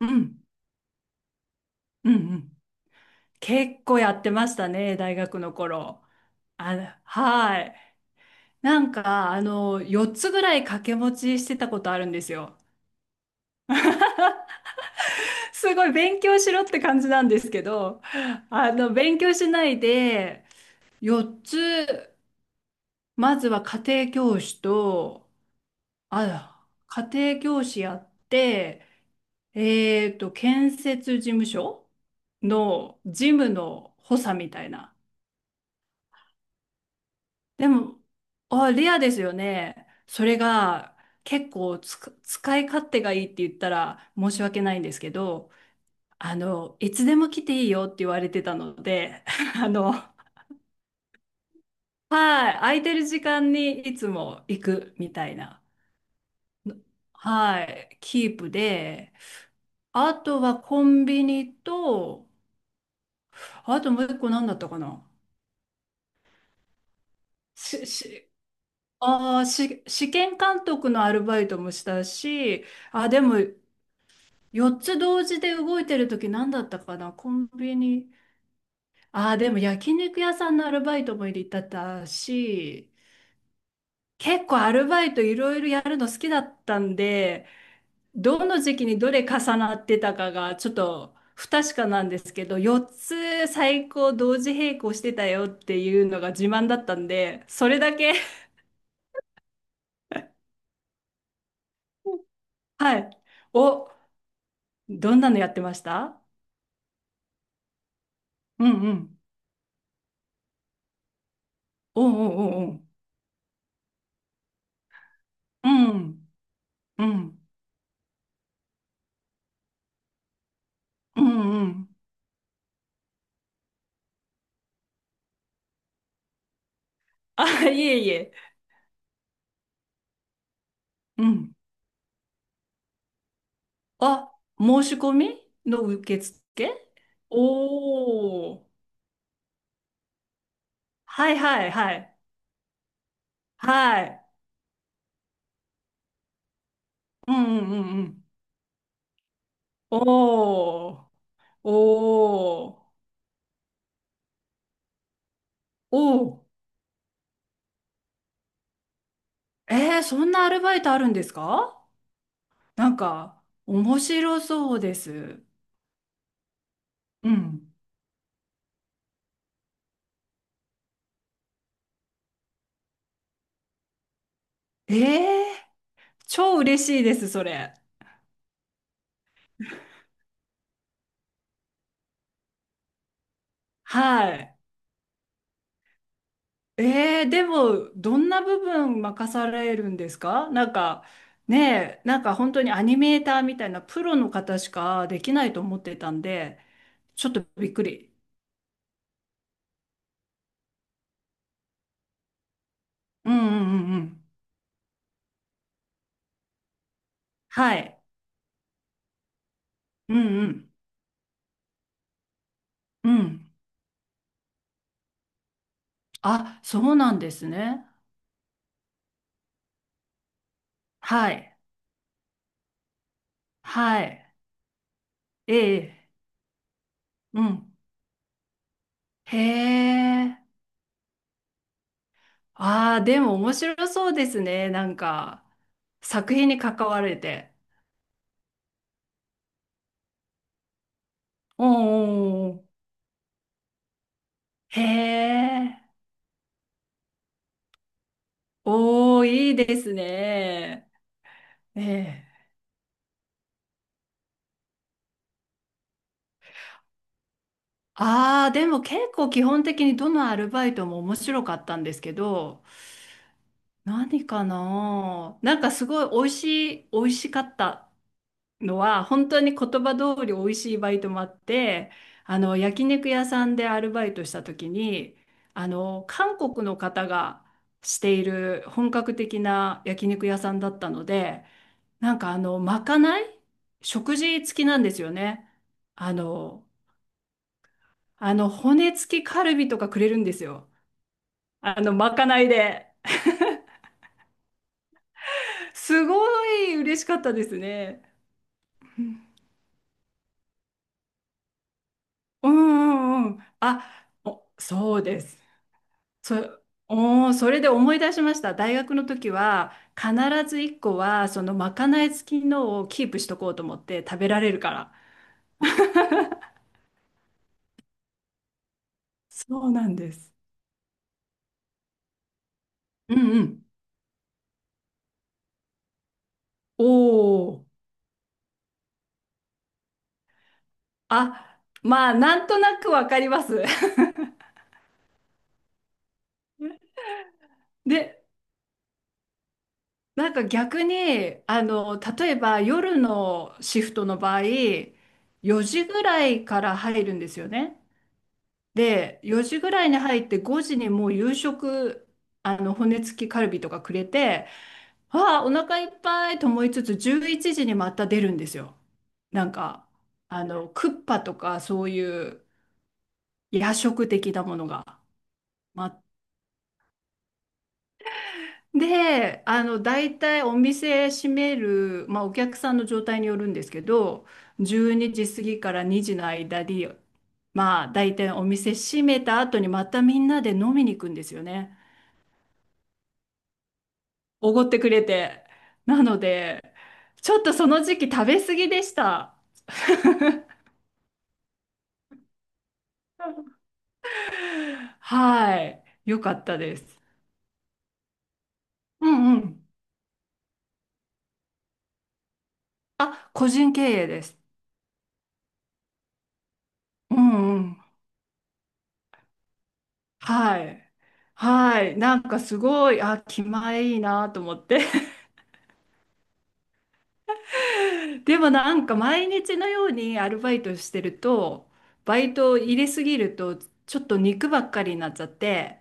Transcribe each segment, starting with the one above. うん、うん、うん。結構やってましたね、大学の頃。あ、はい。なんか、4つぐらい掛け持ちしてたことあるんですよ。すごい勉強しろって感じなんですけど、勉強しないで、4つ、まずは家庭教師と、あ、家庭教師やって、建設事務所の事務の補佐みたいな。でも、あ、レアですよね。それが結構つく使い勝手がいいって言ったら申し訳ないんですけど、いつでも来ていいよって言われてたので、あの、はい、空いてる時間にいつも行くみたいな、はい、キープで、あとはコンビニと、あともう一個何だったかな。し、し、あーし、試験監督のアルバイトもしたし、あ、でも、4つ同時で動いてる時何だったかな、コンビニ。ああ、でも焼肉屋さんのアルバイトも入れてたし、結構アルバイトいろいろやるの好きだったんで、どの時期にどれ重なってたかがちょっと不確かなんですけど、4つ最高同時並行してたよっていうのが自慢だったんで、それだけ。 はい。お、どんなのやってました？うんうん。おうおうおうおう。うん。うん。うんうん。あ、いえいえ。うん。あ、申し込みの受付。おー。はいはいはい。はい。うんうんうんうん。おー。おー。おお。えー、そんなアルバイトあるんですか？なんか、面白そうです。うん。えー、超嬉しいです、それ。はい。えー、でも、どんな部分任されるんですか？なんか、ねえ、なんか本当にアニメーターみたいなプロの方しかできないと思ってたんで、ちょっとびっくり。うんうんうんうん。はい。うんうんうん。あ、そうなんですね。はい。はい。ええ。うん。へえ。ああ、でも面白そうですね。なんか、作品に関われて。おーおーおー。へえ。おー、いいですね。ええ。ああ、でも結構基本的にどのアルバイトも面白かったんですけど、何かななんかすごい美味しい、美味しかったのは、本当に言葉通り美味しいバイトもあって、焼肉屋さんでアルバイトした時に、韓国の方がしている本格的な焼肉屋さんだったので、なんかまかない食事付きなんですよね。あの、骨付きカルビとかくれるんですよ。まかないで。すごい嬉しかったですね。うんうんうん。あ、お、そうです。そ、おー、それで思い出しました。大学の時は必ず一個はそのまかない付きのをキープしとこうと思って食べられるから。そうなんです。うんうん。おお。あ、まあ、なんとなくわかります。で、なんか逆に、例えば夜のシフトの場合、4時ぐらいから入るんですよね。で、4時ぐらいに入って5時にもう夕食、骨付きカルビとかくれて、わあ、お腹いっぱいと思いつつ、11時にまた出るんですよ。なんか、クッパとかそういう夜食的なものが。で、大体お店閉める、まあ、お客さんの状態によるんですけど、12時過ぎから2時の間に、まあ、大体お店閉めた後にまたみんなで飲みに行くんですよね。おごってくれて。なので、ちょっとその時期食べ過ぎでした。はい。よかったです。うんうん。あ、個人経営です。うんうん。はい。はい。なんかすごい、あ、気前いいなと思って。でもなんか毎日のようにアルバイトしてると、バイトを入れすぎると、ちょっと肉ばっかりになっちゃって、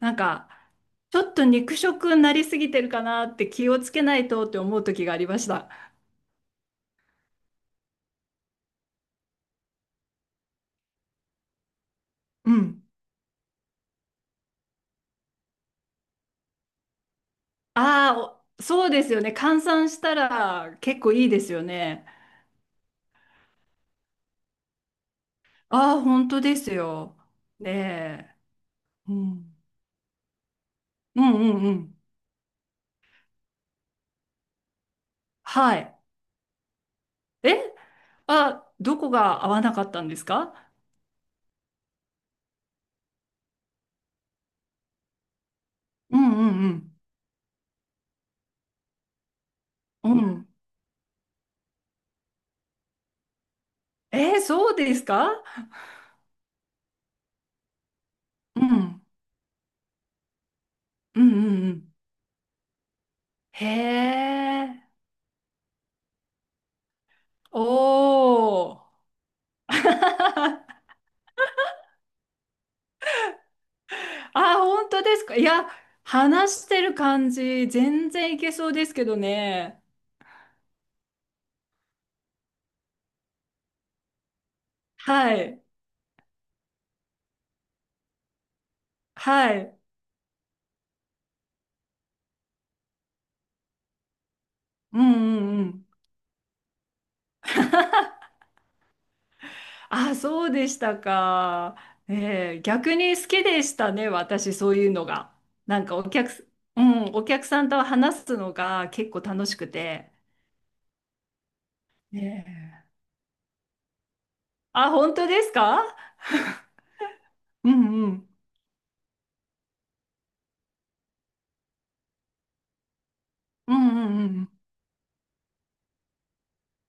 なんか、ちょっと肉食になりすぎてるかなって気をつけないとって思う時がありました。うん。ああ、お、そうですよね。換算したら結構いいですよね。ああ、本当ですよ。ねえ。うん。うんうんうん。はい。え、あ、どこが合わなかったんですか？うんうんうん。うん、えー、そうですか？うん。うんうんうん。へえ。おー。あ、本当ですか？いや、話してる感じ、全然いけそうですけどね。はい。はい。うんうんうん。あ、そうでしたか。ねえー、逆に好きでしたね、私、そういうのが。なんかお客す、うん、お客さんと話すのが結構楽しくて。ねえ、あ、本当ですか？うんうん。うんうんうん。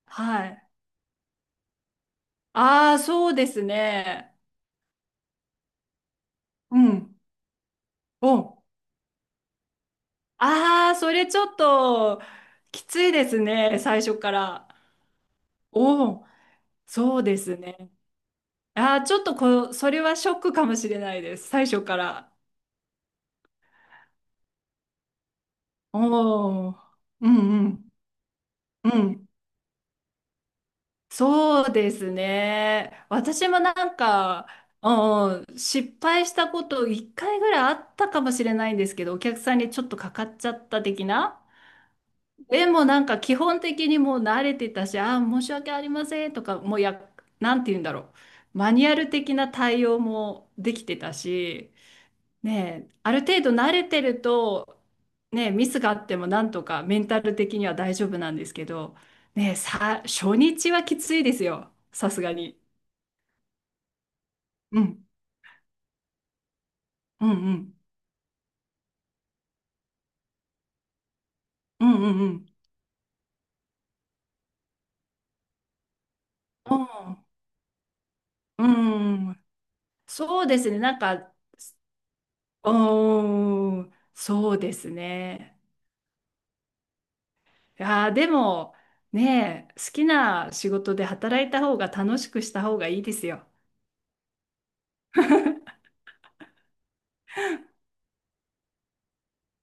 はい。ああ、そうですね。うん。お、ああ、それちょっときついですね、最初から。おお、そうですね。ああ、ちょっとこう、それはショックかもしれないです、最初から。おー。うんうん。うん。そうですね。私もなんか、うんうん、失敗したこと1回ぐらいあったかもしれないんですけど、お客さんにちょっとかかっちゃった的な。でもなんか基本的にもう慣れてたし、ああ、申し訳ありませんとか、もうなんて言うんだろう。マニュアル的な対応もできてたし、ねえ、ある程度慣れてると、ねえ、ミスがあってもなんとかメンタル的には大丈夫なんですけど、ねえ、初日はきついですよ。さすがに。うん、うん、うん、うん、うん、うん。うん、うん、そうですね。なんか、うーん、そうですね。いやーでも、ねえ、好きな仕事で働いた方が楽しくした方がいいですよ。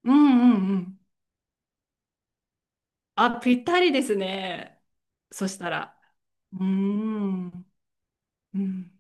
うんうんうん。あ、ぴったりですね。そしたら。うーん。うん